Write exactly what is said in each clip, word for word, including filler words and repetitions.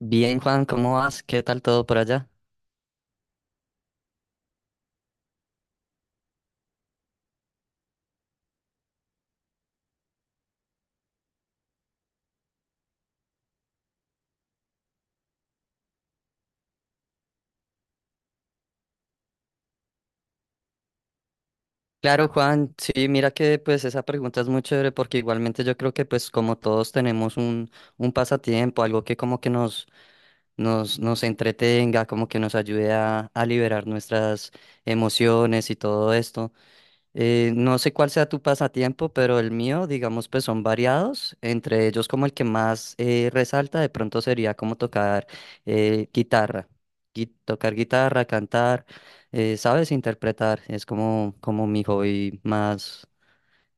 Bien, Juan, ¿cómo vas? ¿Qué tal todo por allá? Claro, Juan, sí, mira que pues esa pregunta es muy chévere porque igualmente yo creo que pues como todos tenemos un, un pasatiempo, algo que como que nos, nos, nos entretenga, como que nos ayude a, a liberar nuestras emociones y todo esto. Eh, no sé cuál sea tu pasatiempo, pero el mío, digamos, pues son variados. Entre ellos, como el que más eh, resalta, de pronto sería como tocar eh, guitarra. Gui- tocar guitarra, cantar, eh, ¿sabes? Interpretar. Es como, como mi hobby más.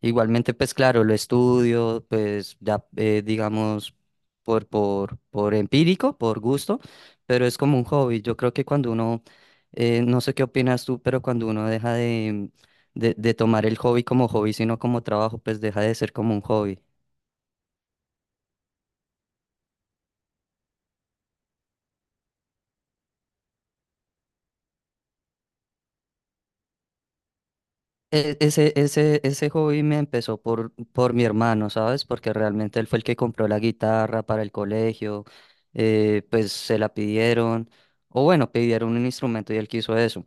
Igualmente, pues claro, lo estudio, pues ya eh, digamos por, por, por empírico, por gusto, pero es como un hobby. Yo creo que cuando uno, eh, no sé qué opinas tú, pero cuando uno deja de, de, de tomar el hobby como hobby, sino como trabajo, pues deja de ser como un hobby. E- ese, ese, ese hobby me empezó por, por mi hermano, ¿sabes? Porque realmente él fue el que compró la guitarra para el colegio, eh, pues se la pidieron, o bueno, pidieron un instrumento y él quiso eso.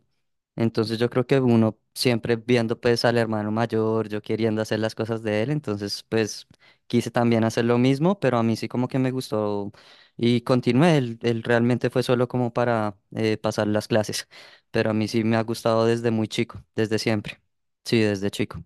Entonces yo creo que uno siempre viendo pues al hermano mayor, yo queriendo hacer las cosas de él, entonces pues quise también hacer lo mismo, pero a mí sí como que me gustó y continué, él, él realmente fue solo como para eh, pasar las clases, pero a mí sí me ha gustado desde muy chico, desde siempre, sí, desde chico,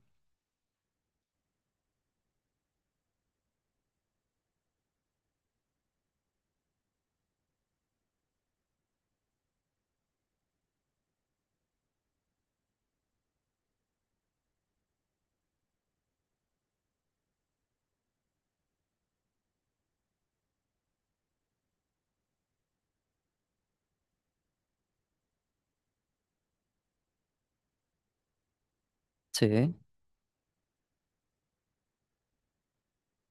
sí,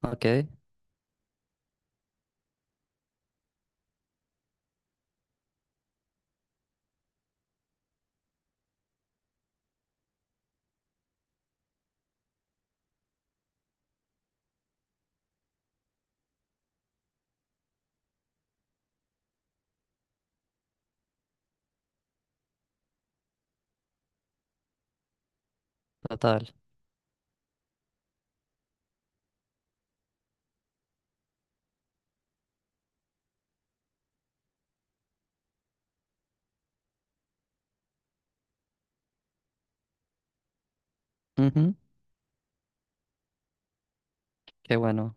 ok, total, ujú, qué bueno.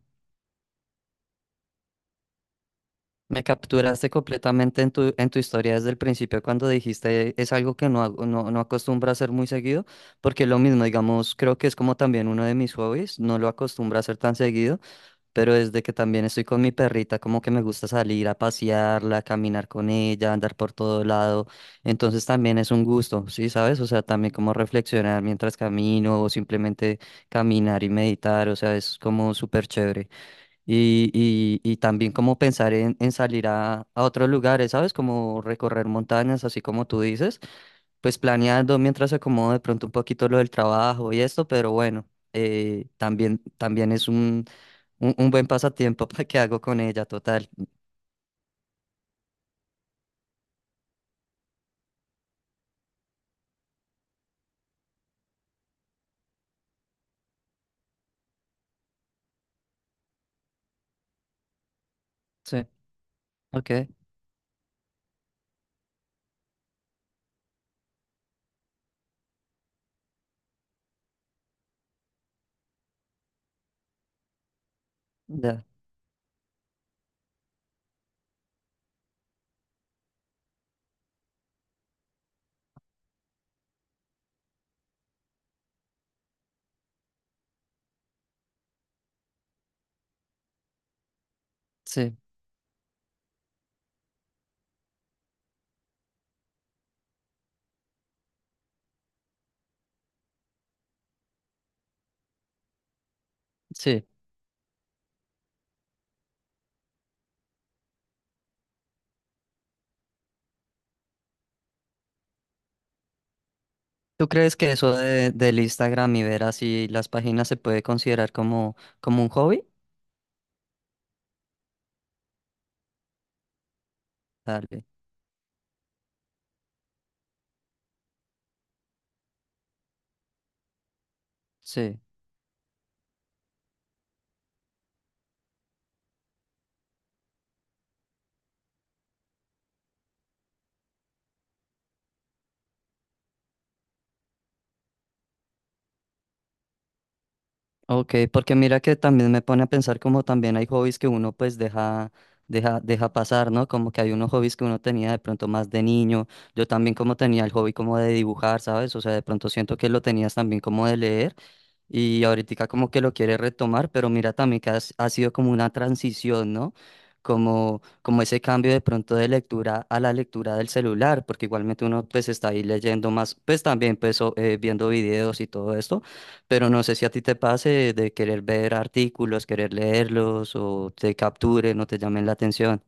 Me capturaste completamente en tu, en tu historia desde el principio cuando dijiste es algo que no hago, no, no acostumbro a hacer muy seguido, porque lo mismo, digamos, creo que es como también uno de mis hobbies, no lo acostumbro a hacer tan seguido, pero desde que también estoy con mi perrita, como que me gusta salir a pasearla, caminar con ella, andar por todo lado, entonces también es un gusto, ¿sí sabes? O sea, también como reflexionar mientras camino o simplemente caminar y meditar, o sea, es como súper chévere. Y, y, y también como pensar en, en salir a, a otros lugares, ¿sabes? Como recorrer montañas, así como tú dices, pues planeando mientras se acomoda de pronto un poquito lo del trabajo y esto, pero bueno, eh, también, también es un, un, un buen pasatiempo para que hago con ella, total. Sí, ok, ya, sí, sí. ¿Tú crees que eso de, del Instagram y ver así las páginas se puede considerar como, como un hobby? Dale, sí. Ok, porque mira que también me pone a pensar como también hay hobbies que uno pues deja, deja, deja pasar, ¿no? Como que hay unos hobbies que uno tenía de pronto más de niño. Yo también como tenía el hobby como de dibujar, ¿sabes? O sea, de pronto siento que lo tenías también como de leer. Y ahorita como que lo quiere retomar, pero mira también que has- ha sido como una transición, ¿no? Como, como ese cambio de pronto de lectura a la lectura del celular, porque igualmente uno pues está ahí leyendo más, pues también pues o- eh, viendo videos y todo esto, pero no sé si a ti te pase de querer ver artículos, querer leerlos o te capturen o te llamen la atención.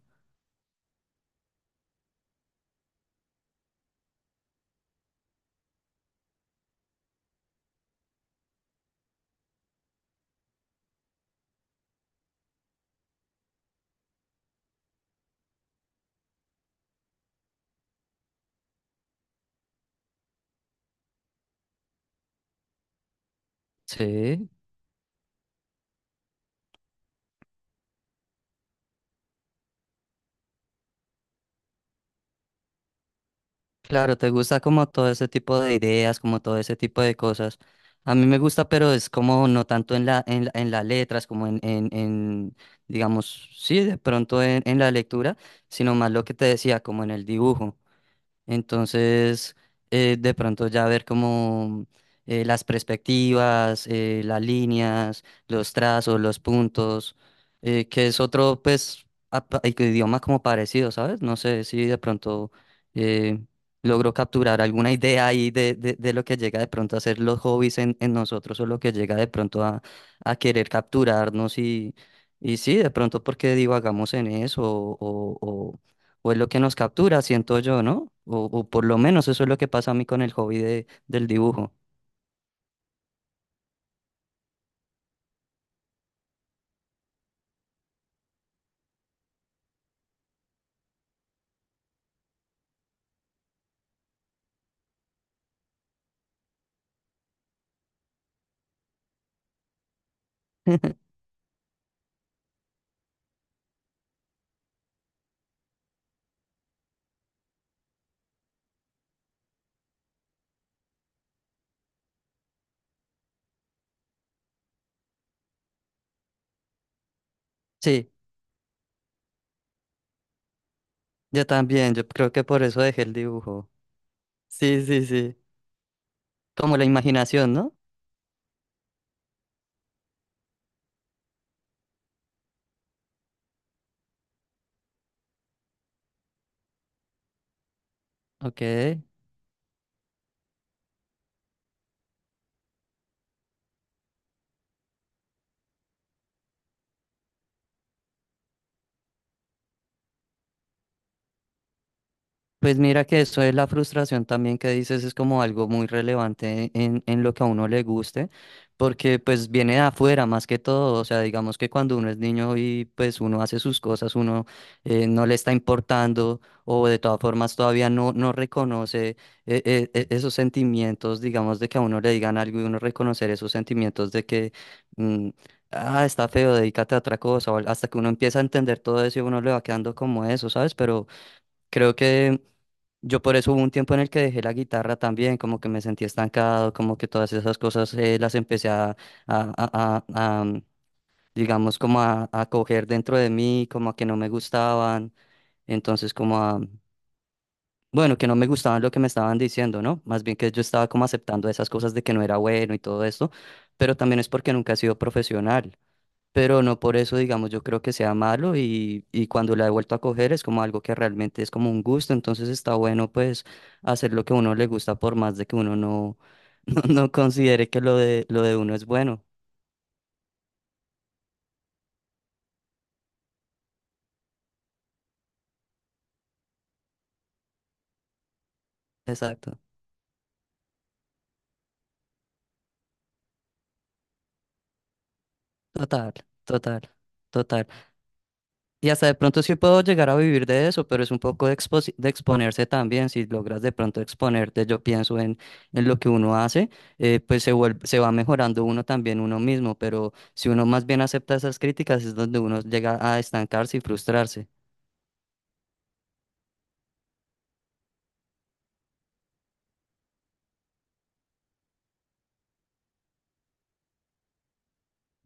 Sí. Claro, te gusta como todo ese tipo de ideas, como todo ese tipo de cosas. A mí me gusta, pero es como no tanto en la, en, la- en las letras, como en, en, en, digamos, sí, de pronto en, en la lectura, sino más lo que te decía, como en el dibujo. Entonces, eh, de pronto ya ver como eh, las perspectivas, eh, las líneas, los trazos, los puntos, eh, que es otro, pues, apa- i- idioma como parecido, ¿sabes? No sé si de pronto eh, logro capturar alguna idea ahí de, de, de lo que llega de pronto a ser los hobbies en, en nosotros o lo que llega de pronto a, a querer capturarnos y, y sí, de pronto porque divagamos en eso o es lo que nos captura, siento yo, ¿no? O, o por lo menos eso es lo que pasa a mí con el hobby de, del dibujo. Sí, yo también, yo creo que por eso dejé el dibujo. Sí, sí, sí. Como la imaginación, ¿no? Ok. Pues mira que eso es la frustración también que dices, es como algo muy relevante en, en lo que a uno le guste, porque pues viene de afuera más que todo, o sea, digamos que cuando uno es niño y pues uno hace sus cosas, uno eh, no le está importando o de todas formas todavía no, no reconoce eh, eh, eh, esos sentimientos, digamos, de que a uno le digan algo y uno reconocer esos sentimientos de que... mm, ah, está feo, dedícate a otra cosa. O hasta que uno empieza a entender todo eso y uno le va quedando como eso, ¿sabes? Pero creo que yo por eso hubo un tiempo en el que dejé la guitarra también, como que me sentí estancado, como que todas esas cosas eh, las empecé a, a- a- a- a, mm, digamos, como a, a coger dentro de mí, como a que no me gustaban, entonces como a, bueno, que no me gustaban lo que me estaban diciendo, ¿no? Más bien que yo estaba como aceptando esas cosas de que no era bueno y todo esto, pero también es porque nunca he sido profesional, pero no por eso, digamos, yo creo que sea malo y, y cuando la he vuelto a coger es como algo que realmente es como un gusto, entonces está bueno pues hacer lo que a uno le gusta por más de que uno no, no, no considere que lo de, lo de uno es bueno. Exacto, total, total, total. Y hasta de pronto sí puedo llegar a vivir de eso, pero es un poco de, exposi- de exponerse también. Si logras de pronto exponerte, yo pienso en, en lo que uno hace, eh, pues se vuelve, se va mejorando uno también uno mismo, pero si uno más bien acepta esas críticas es donde uno llega a estancarse y frustrarse.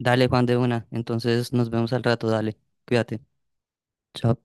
Dale, Juan, de una. Entonces nos vemos al rato, dale. Cuídate. Chao.